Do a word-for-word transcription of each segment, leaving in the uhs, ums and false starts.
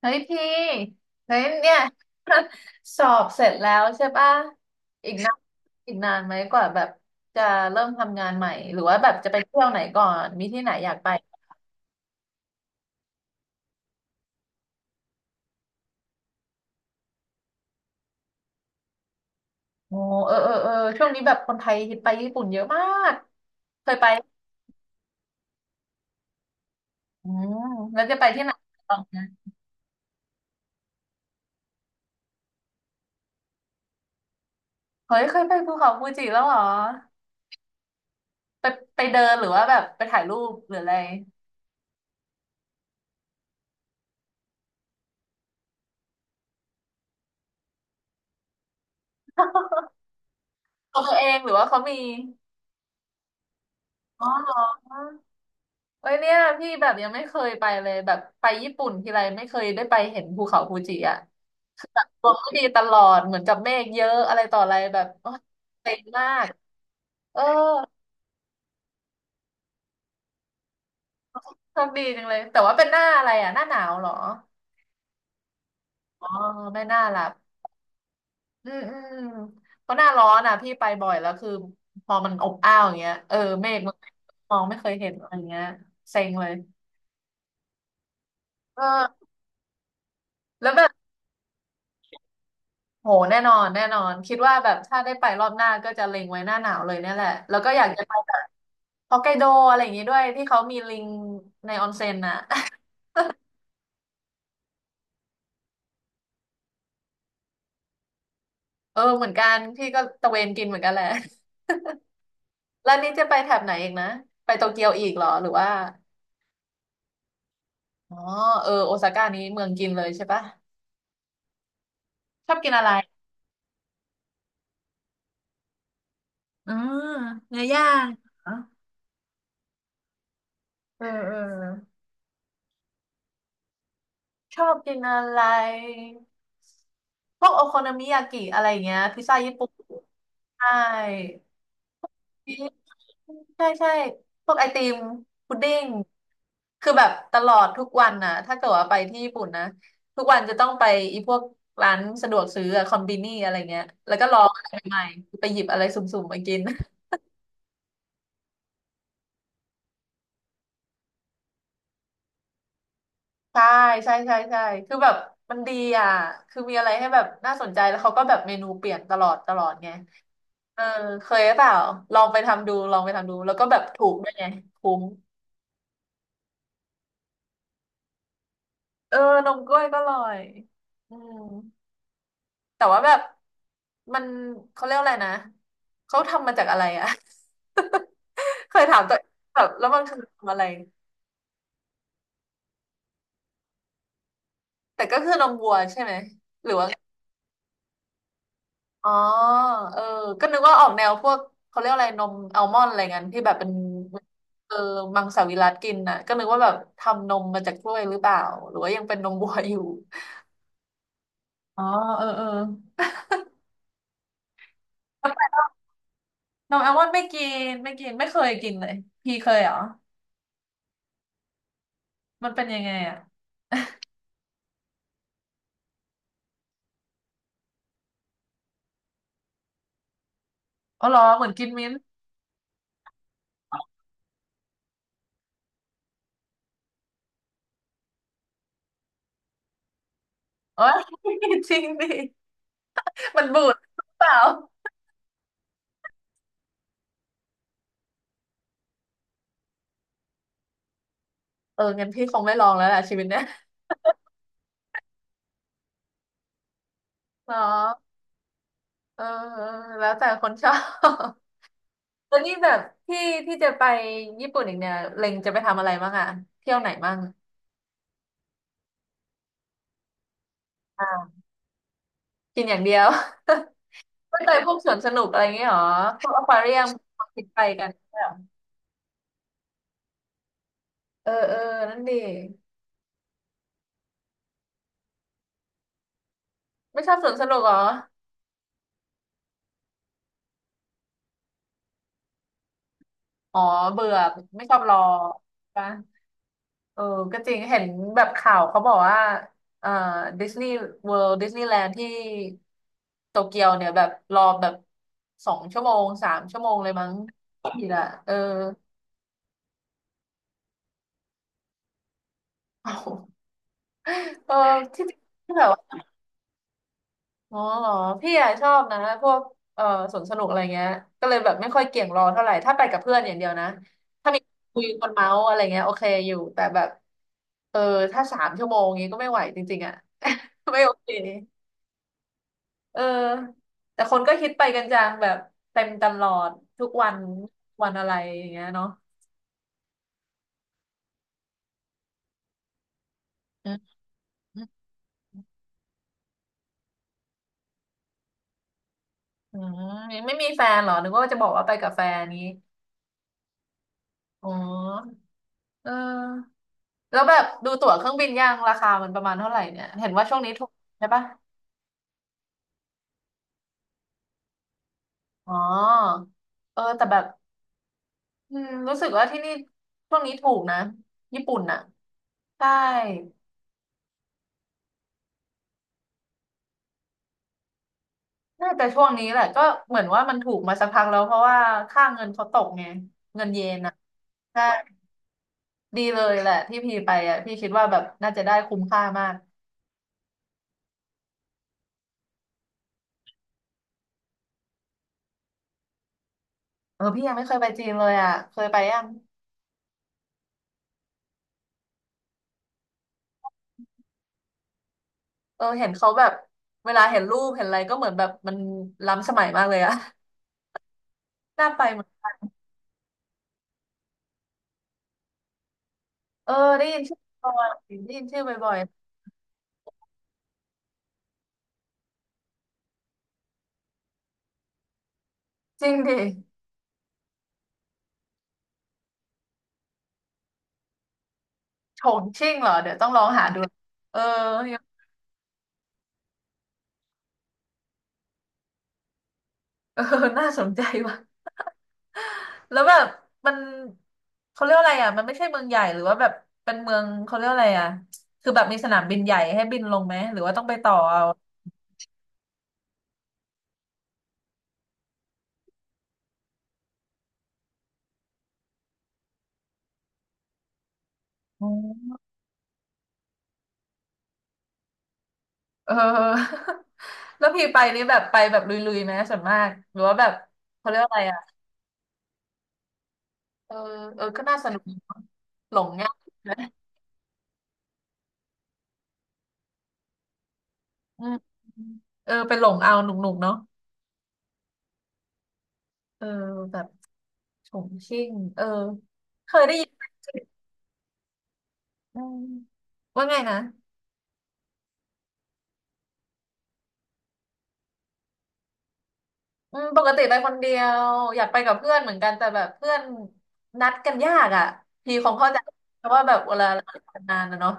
เฮ้ยพี่เฮ้ยเนี่ย สอบเสร็จแล้วใช่ป่ะอีกนานอีกนานไหมกว่าแบบจะเริ่มทำงานใหม่หรือว่าแบบจะไปเที่ยวไหนก่อนมีที่ไหนอยากไปโอ้เออเออเออช่วงนี้แบบคนไทยฮิตไปญี่ปุ่นเยอะมากเคยไปอืมแล้วจะไปที่ไหนบ้างนะเฮ้ยเคยไปภูเขาฟูจิแล้วเหรอไปไปเดินหรือว่าแบบไปถ่ายรูปหรืออะไรของตัวเองหรือว่าเขามีอ๋อเหรอ เอ้ยเนี่ยพี่แบบยังไม่เคยไปเลยแบบไปญี่ปุ่นทีไรไม่เคยได้ไปเห็นภูเขาฟูจิอ่ะลมไม่ดีตลอดเหมือนกับเมฆเยอะอะไรต่ออะไรแบบโอ๊ยเซ็งมากเออโชคดีจังเลยแต่ว่าเป็นหน้าอะไรอ่ะหน้าหนาวเหรออ๋อไม่น่าหลับอืมอืมเพราะหน้าร้อนอ่ะพี่ไปบ่อยแล้วคือพอมันอบอ้าวอย่างเงี้ยเออเมฆมันมองไม่เคยเห็นอะไรเงี้ยเซ็งเลยเออแล้วแบบ โหแน่นอนแน่นอนคิดว่าแบบถ้าได้ไปรอบหน้าก็จะเล็งไว้หน้าหนาวเลยเนี่ยแหละแล้วก็อยากจะไปแบบฮอกไกโดอะไรอย่างงี้ด้วยที่เขามีลิงในออนเซ็นน่ะ เออเหมือนกันพี่ก็ตะเวนกินเหมือนกันแหละแล้วนี่จะไปแถบไหนอีกนะไปโตเกียวอีกเหรอหรือว่าอ๋อเออโอซาก้านี้เมืองกินเลยใช่ปะชอบกินอะไรอืมเนื้อย่างเหรอเออเออชอบกินอะไรพวกโอโคโนมิยากิอะไรอย่างเงี้ยพิซซ่าญี่ปุ่นใช่ ใช่ใช่พวกไอติมพุดดิ้งคือแบบตลอดทุกวันน่ะถ้าเกิดว่าไปที่ญี่ปุ่นนะทุกวันจะต้องไปอีพวกร้านสะดวกซื้ออะคอมบินี่อะไรเงี้ยแล้วก็ลองอะไรใหม่ๆไปหยิบอะไรสุ่มๆมากินใช่ใช่ใช่ใช่คือแบบมันดีอ่ะคือมีอะไรให้แบบน่าสนใจแล้วเขาก็แบบเมนูเปลี่ยนตลอดตลอดไงเออเคยหรือเปล่าลองไปทำดูลองไปทำดูแล้วก็แบบถูกด้วยไงคุ้มเออนมกล้วยก็อร่อยอืม แต่ว่าแบบมันเขาเรียกอะไรนะเขาทำมาจากอะไรอะ เคยถามตัวเองแบบแล้วมันคือทำอะไรแต่ก็คือนมวัวใช่ไหมหรือว่าอ๋อเออก็นึกว่าออกแนวพวกเขาเรียกอะไรนมอัลมอนด์อะไรเงี้ยที่แบบเป็นเออมังสวิรัติกินน่ะก็นึกว่าแบบทำนมมาจากกล้วยหรือเปล่าหรือว่ายังเป็นนมวัวอยู่อ๋อเออเออนมแอลมอนด์ไม่กินไม่กินไม่เคยกินเลยพี่เคยเหรอมันเป็นยังไงอ่ะอ๋อเหรอเหมือนกินมิ้นท์ เอ้ย จริงดิมันบูดหรือเปล่าเอองั้นพี่คงไม่ลองแล้วล่ะชีวิตเนี้ยเนาะเออเออแล้วแต่คนชอบ แล้วนี่แบบที่ที่จะไปญี่ปุ่นอีกเนี่ยเล็งจะไปทำอะไรบ้างอะเที่ยวไหนบ้างอ่ากินอย่างเดียว ไม่ไป พวกสวนสนุกอะไรอย่างเงี้ยหรอพวกอควาเรียมคิดไปกันไม่เหรอเออเออนั่นดิไม่ชอบสวนสนุกเหรออ๋อเบื่อไม่ชอบรอปะ เออก็จริงเห็นแบบข่าวเขาบอกว่าเอ่อดิสนีย์เวิลด์ดิสนีย์แลนด์ที่โตเกียวเนี่ยแบบรอแบบสองชั่วโมงสามชั่วโมงเลยมั้งผิดอ่ะเออ เอาเออที่ที่แบบว่าอ๋อเหรอพี่อะชอบนะพวกเอ่อสวนสนุกอะไรเงี้ย ก็เลยแบบไม่ค่อยเกี่ยงรอเท่าไหร่ ถ้าไปกับเพื่อนอย่างเดียวนะ ถ้ามีคุยคนเมาส์อะไรเงี้ยโอเคอยู่ แต่แบบเออถ้าสามชั่วโมงงี้ก็ไม่ไหวจริงๆอ่ะ ไม่โอเค เออแต่คนก็คิดไปกันจังแบบเต็มตลอดทุกวันวันอะไรอย่างเงี้ยเนาะอืมอืมยังไม่มีแฟนเหรอนึกว่าจะบอกว่าไปกับแฟนนี้อ๋อเออแล้วแบบดูตั๋วเครื่องบินยังราคามันประมาณเท่าไหร่เนี่ยเห็นว่าช่วงนี้ถูกใช่ปะอ๋อเออแต่แบบอืมรู้สึกว่าที่นี่ช่วงนี้ถูกนะญี่ปุ่นน่ะใช่น่าจะช่วงนี้แหละก็เหมือนว่ามันถูกมาสักพักแล้วเพราะว่าค่าเงินเขาตกไงเงินเยนอ่ะใช่ ดีเลยแหละที่พี่ไปอ่ะพี่คิดว่าแบบน่าจะได้คุ้มค่ามากเออพี่ยังไม่เคยไปจีนเลยอ่ะเคยไปยังเออเห็นเขาแบบเวลาเห็นรูปเห็นอะไรก็เหมือนแบบมันล้ำสมัยมากเลยอ่ะ น่าไปเหมือนเออได้ยินชื่อบ่อยได้ยินชื่อบ่อยๆจริงดิฉงชิ่งเหรอเดี๋ยวต้องลองหาดูเออ เออน่าสนใจว่ะ แล้วแบบมันเขาเรียกว่าอะไรอ่ะมันไม่ใช่เมืองใหญ่หรือว่าแบบเป็นเมืองเขาเรียกว่าอะไรอ่ะคือแบบมีสนามบินใหญ่ให้บินลงไหมหรือว่าต้องไปต่อเอาอ๋อเออ แล้วพี่ไปนี่แบบไปแบบลุยๆไหมส่วนมากหรือว่าแบบเขาเรียกว่าอะไรอ่ะเออเออก็น่าสนุกดีเนอะหลงง่ายนะอืมเออไปหลงเอาหนุกๆเนาะเออแบบฉงชิ่งเออเคยได้ยินอืมว่าไงนะ อืมปกติไปคนเดียวอยากไปกับเพื่อนเหมือนกันแต่แบบเพื่อนนัดกันยากอ่ะพี่คงเข้าใจเพราะว่าแบบเวลาเราทำงานนะเนาะ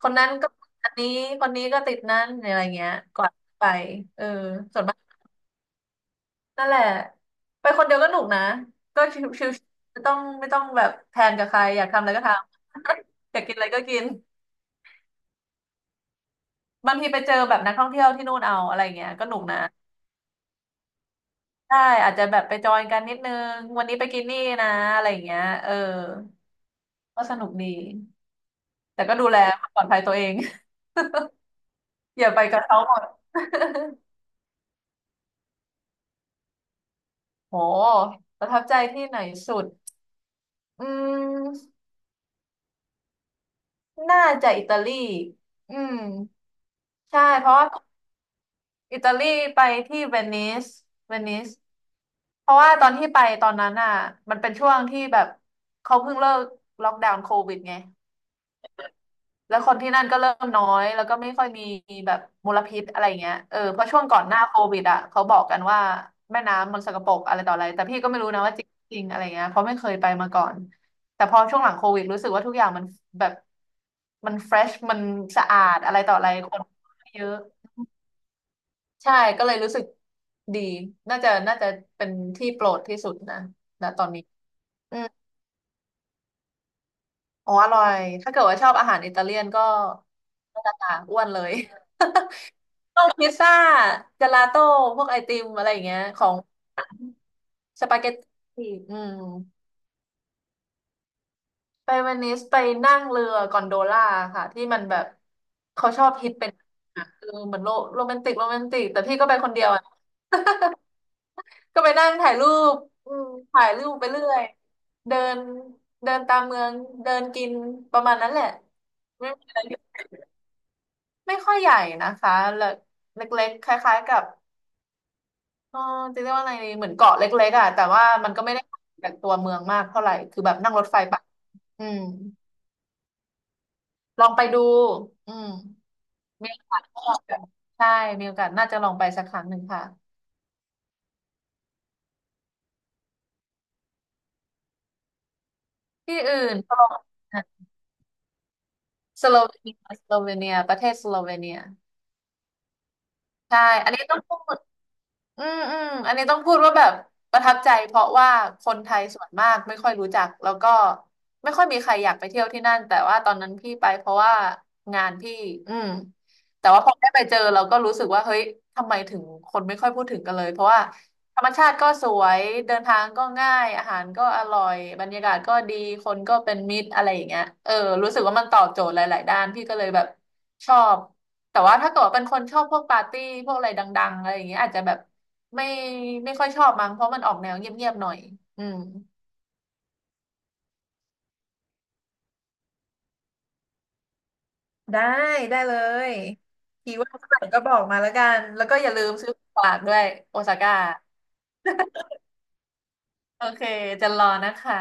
คนนั้นก็อันนี้คนนี้ก็ติดนั้นอะไรเงี้ยกว่าไปเออนั่นแหละไปคนเดียวก็หนุกนะก็ชิวๆไม่ต้องไม่ต้องแบบแพลนกับใครอยากทำอะไรก็ทำ อยากกินอะไรก็กินบางทีไปเจอแบบนักท่องเที่ยวที่นู่นเอาอะไรเงี้ยก็หนุกนะได้อาจจะแบบไปจอยกันนิดนึงวันนี้ไปกินนี่นะอะไรอย่างเงี้ยเออ ก็สนุกดี แต่ก็ดูแลความปลอดภัยตัวเอง อย่าไปกับเขาหมด โหประทับใจที่ไหนสุดอืมน่าจะอิตาลีอืมใช่เพราะว่าอิตาลีไปที่เวนิสเวนิสเพราะว่าตอนที่ไปตอนนั้นอ่ะมันเป็นช่วงที่แบบเขาเพิ่งเลิกล็อกดาวน์โควิดไง แล้วคนที่นั่นก็เริ่มน้อยแล้วก็ไม่ค่อยมีแบบมลพิษอะไรเงี้ยเออเพราะช่วงก่อนหน้าโควิดอ่ะเขาบอกกันว่าแม่น้ำมันสกปรกอะไรต่ออะไรแต่พี่ก็ไม่รู้นะว่าจริงๆอะไรเงี้ยเพราะไม่เคยไปมาก่อนแต่พอช่วงหลังโควิดรู้สึกว่าทุกอย่างมันแบบมันเฟรชมันสะอาดอะไรต่ออะไรคนเยอะใช่ก็เลยรู้สึกดีน่าจะน่าจะเป็นที่โปรดที่สุดนะณตอนนี้อืม อ๋ออร่อยถ้าเกิดว่าชอบอาหารอิตาเลียนก็ก็จะอ้วนเลย ต้องพิซซ่าเจลาโต้พวกไอติมอะไรอย่างเงี้ยของสปาเกตตีอืมไปเวนิสไปนั่งเรือกอนโดล่าค่ะที่มันแบบเขาชอบฮิตเป็นอ่ะคือเหมือนโรโรแมนติกโรแมนติกแต่พี่ก็ไปคนเดียวอ่ะ ก็ไปนั่งถ่ายรูปอืมถ่ายรูปไปเรื่อยเดินเดินตามเมืองเดินกินประมาณนั้นแหละไม่มีอะไร ไม่ค่อยใหญ่นะคะเล็กเล็กๆคล้ายๆกับเออจะเรียกว่าอะไรดีเหมือนเกาะเล็กๆอ่ะแต่ว่ามันก็ไม่ได้จากตัวเมืองมากเท่าไหร่คือแบบนั่งรถไฟไปอืมลองไปดูอืมมีโอกาสก็ลองไปใช่มีโอกาสน่าจะลองไปสักครั้งหนึ่งค่ะที่อื่นสโลสโลเวเนียสโลเวเนียประเทศสโลเวเนียใช่อันนี้ต้องพูด อืมอืมอันนี้ต้องพูดว่าแบบประทับใจเพราะว่าคนไทยส่วนมากไม่ค่อยรู้จักแล้วก็ไม่ค่อยมีใครอยากไปเที่ยวที่นั่นแต่ว่าตอนนั้นพี่ไปเพราะว่างานพี่อืมแต่ว่าพอได้ไปเจอเราก็รู้สึกว่าเฮ้ยทำไมถึงคนไม่ค่อยพูดถึงกันเลยเพราะว่าธรรมชาติก็สวยเดินทางก็ง่ายอาหารก็อร่อยบรรยากาศก็ดีคนก็เป็นมิตรอะไรอย่างเงี้ยเออรู้สึกว่ามันตอบโจทย์หลายๆด้านพี่ก็เลยแบบชอบ แต่ว่าถ้าเกิดว่าเป็นคนชอบพวกปาร์ตี้พวกอะไรดังๆอะไรอย่างเงี้ยอาจจะแบบไม่ไม่ค่อยชอบมั้งเพราะมันออกแนวเงียบๆหน่อยอืมได้ได้เลยทีว่างเมื่อไหร่ก็บอกมาแล้วกันแล้วก็อย่าลืมซื้อของฝากด้วยโอซาก้าโอเคจะรอนะคะ